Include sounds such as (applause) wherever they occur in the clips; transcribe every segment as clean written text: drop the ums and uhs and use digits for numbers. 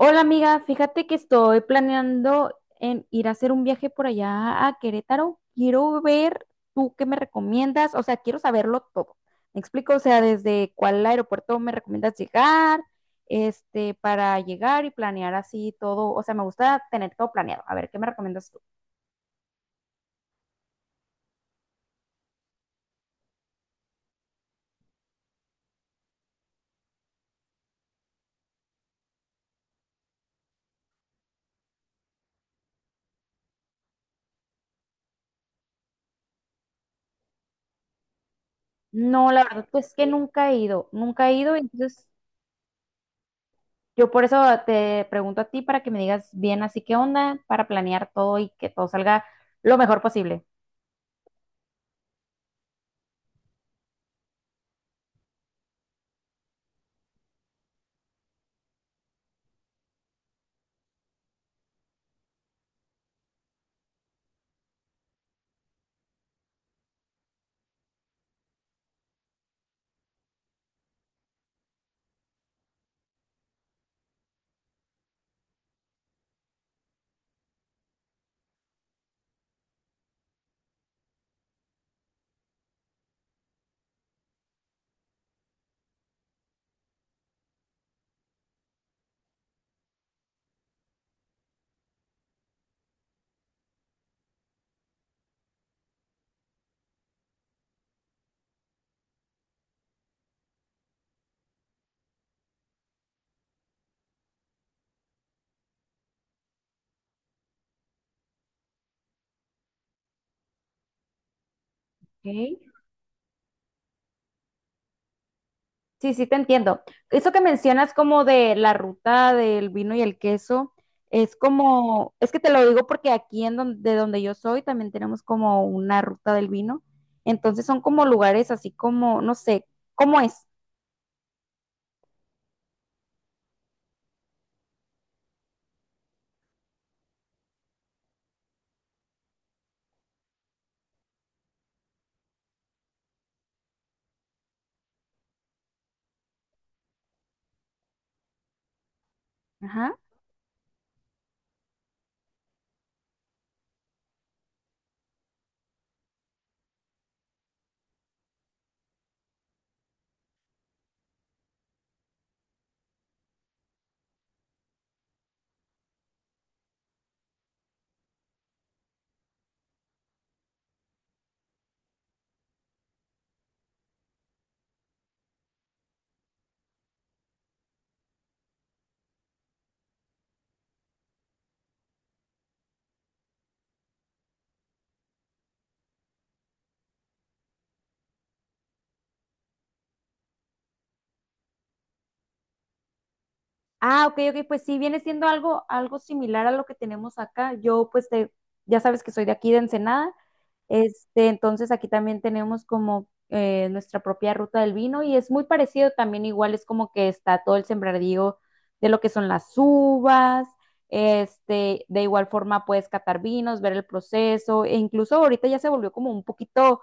Hola amiga, fíjate que estoy planeando en ir a hacer un viaje por allá a Querétaro. Quiero ver tú qué me recomiendas, o sea, quiero saberlo todo. Me explico, o sea, desde cuál aeropuerto me recomiendas llegar, para llegar y planear así todo. O sea, me gusta tener todo planeado. A ver, ¿qué me recomiendas tú? No, la verdad, pues que nunca he ido, nunca he ido, entonces yo por eso te pregunto a ti para que me digas bien así qué onda, para planear todo y que todo salga lo mejor posible. Ok. Sí, sí, te entiendo. Eso que mencionas como de la ruta del vino y el queso, es como, es que te lo digo porque aquí en donde, de donde yo soy también tenemos como una ruta del vino. Entonces son como lugares así como, no sé, ¿cómo es? Ajá. Ah, ok, ok, pues sí, viene siendo algo, algo similar a lo que tenemos acá. Yo, pues, te- ya sabes que soy de aquí de Ensenada, entonces aquí también tenemos como nuestra propia ruta del vino y es muy parecido también, igual es como que está todo el sembradío de lo que son las uvas, de igual forma puedes catar vinos, ver el proceso, e incluso ahorita ya se volvió como un poquito,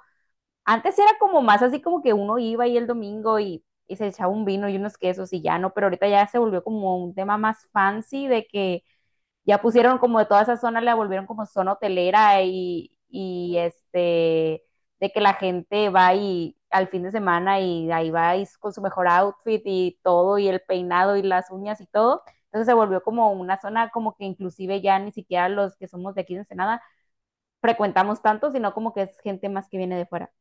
antes era como más así como que uno iba ahí el domingo y se echaba un vino y unos quesos y ya no, pero ahorita ya se volvió como un tema más fancy de que ya pusieron como de toda esa zona, la volvieron como zona hotelera y de que la gente va y al fin de semana y ahí va y con su mejor outfit y todo y el peinado y las uñas y todo. Entonces se volvió como una zona como que inclusive ya ni siquiera los que somos de aquí de Ensenada frecuentamos tanto, sino como que es gente más que viene de fuera.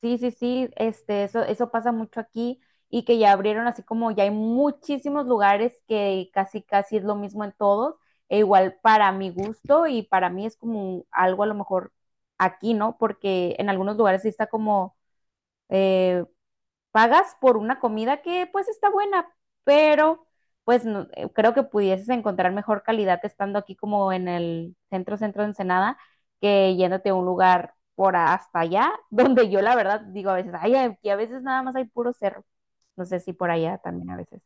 Sí, sí, sí, eso, eso pasa mucho aquí y que ya abrieron así como ya hay muchísimos lugares que casi, casi es lo mismo en todos, e igual para mi gusto y para mí es como algo a lo mejor aquí, ¿no? Porque en algunos lugares sí está como eh, pagas por una comida que pues está buena, pero pues creo que pudieses encontrar mejor calidad estando aquí como en el centro, centro de Ensenada, que yéndote a un lugar por a- hasta allá, (laughs) donde yo la verdad digo a veces, ay, aquí a veces nada más hay puro cerro. No sé si por allá también a veces.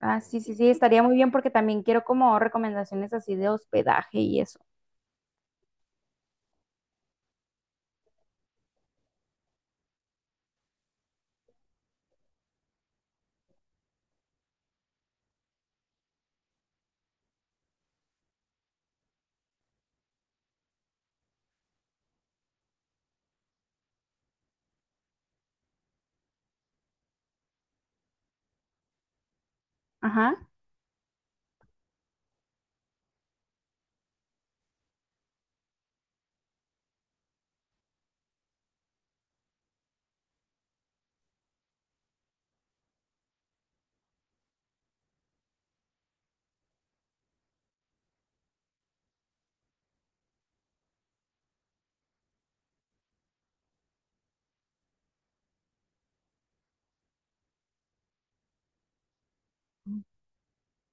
Ah, sí, sí, sí, estaría muy bien porque también quiero como recomendaciones así de hospedaje y eso. Ajá.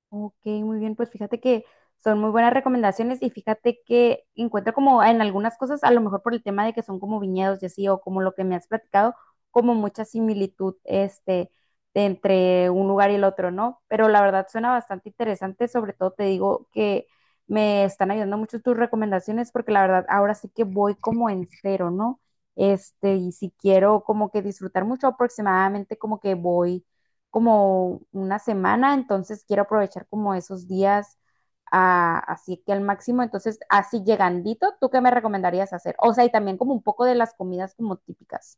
Ok, muy bien, pues fíjate que son muy buenas recomendaciones y fíjate que encuentro como en algunas cosas, a lo mejor por el tema de que son como viñedos y así, o como lo que me has platicado, como mucha similitud de entre un lugar y el otro, ¿no? Pero la verdad suena bastante interesante, sobre todo te digo que me están ayudando mucho tus recomendaciones porque la verdad ahora sí que voy como en cero, ¿no? Y si quiero como que disfrutar mucho, aproximadamente como que voy como una semana, entonces quiero aprovechar como esos días así que al máximo, entonces así llegandito, ¿tú qué me recomendarías hacer? O sea, y también como un poco de las comidas como típicas.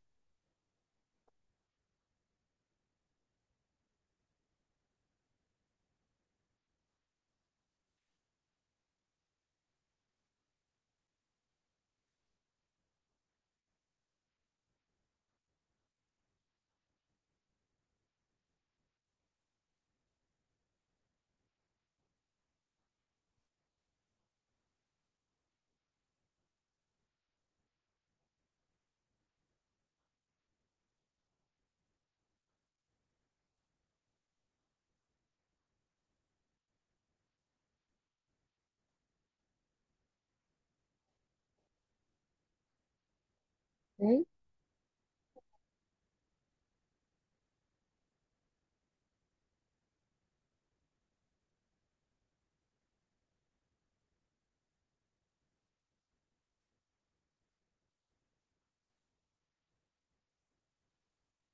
Ok,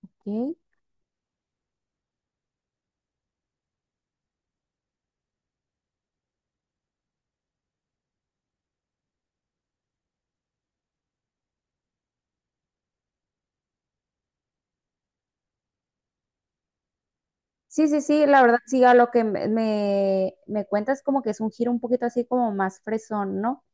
ok. Sí, sí, sí, la verdad, sí, a lo que me, me cuentas como que es un giro un poquito así como más fresón, ¿no?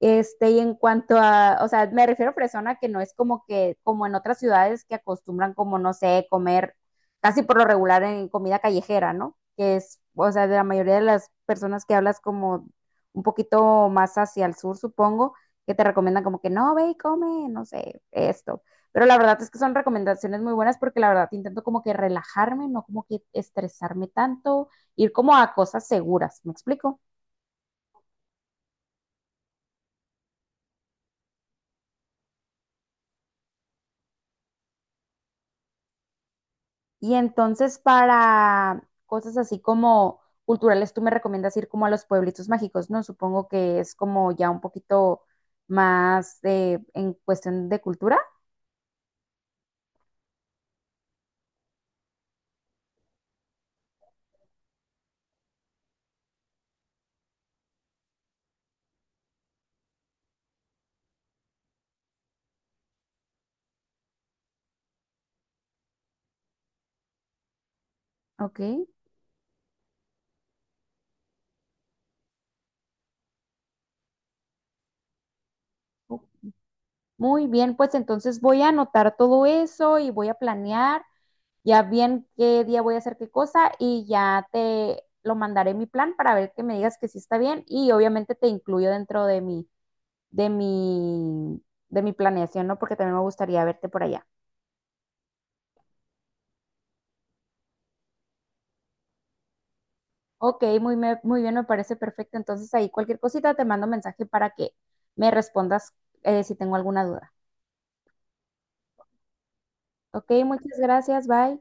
Y en cuanto a, o sea, me refiero a Fresona que no es como que, como en otras ciudades que acostumbran como, no sé, comer casi por lo regular en comida callejera, ¿no? Que es, o sea, de la mayoría de las personas que hablas como un poquito más hacia el sur, supongo, que te recomiendan como que no, ve y come, no sé, esto. Pero la verdad es que son recomendaciones muy buenas porque la verdad intento como que relajarme, no como que estresarme tanto, ir como a cosas seguras, ¿me explico? Y entonces para cosas así como culturales, tú me recomiendas ir como a los pueblitos mágicos, ¿no? Supongo que es como ya un poquito más de, en cuestión de cultura. Ok. Muy bien, pues entonces voy a anotar todo eso y voy a planear ya bien qué día voy a hacer qué cosa y ya te lo mandaré mi plan para ver que me digas que sí está bien y obviamente te incluyo dentro de mi, de mi, de mi planeación, ¿no? Porque también me gustaría verte por allá. Ok, muy, muy bien, me parece perfecto. Entonces ahí cualquier cosita te mando mensaje para que me respondas si tengo alguna duda. Ok, muchas gracias, bye.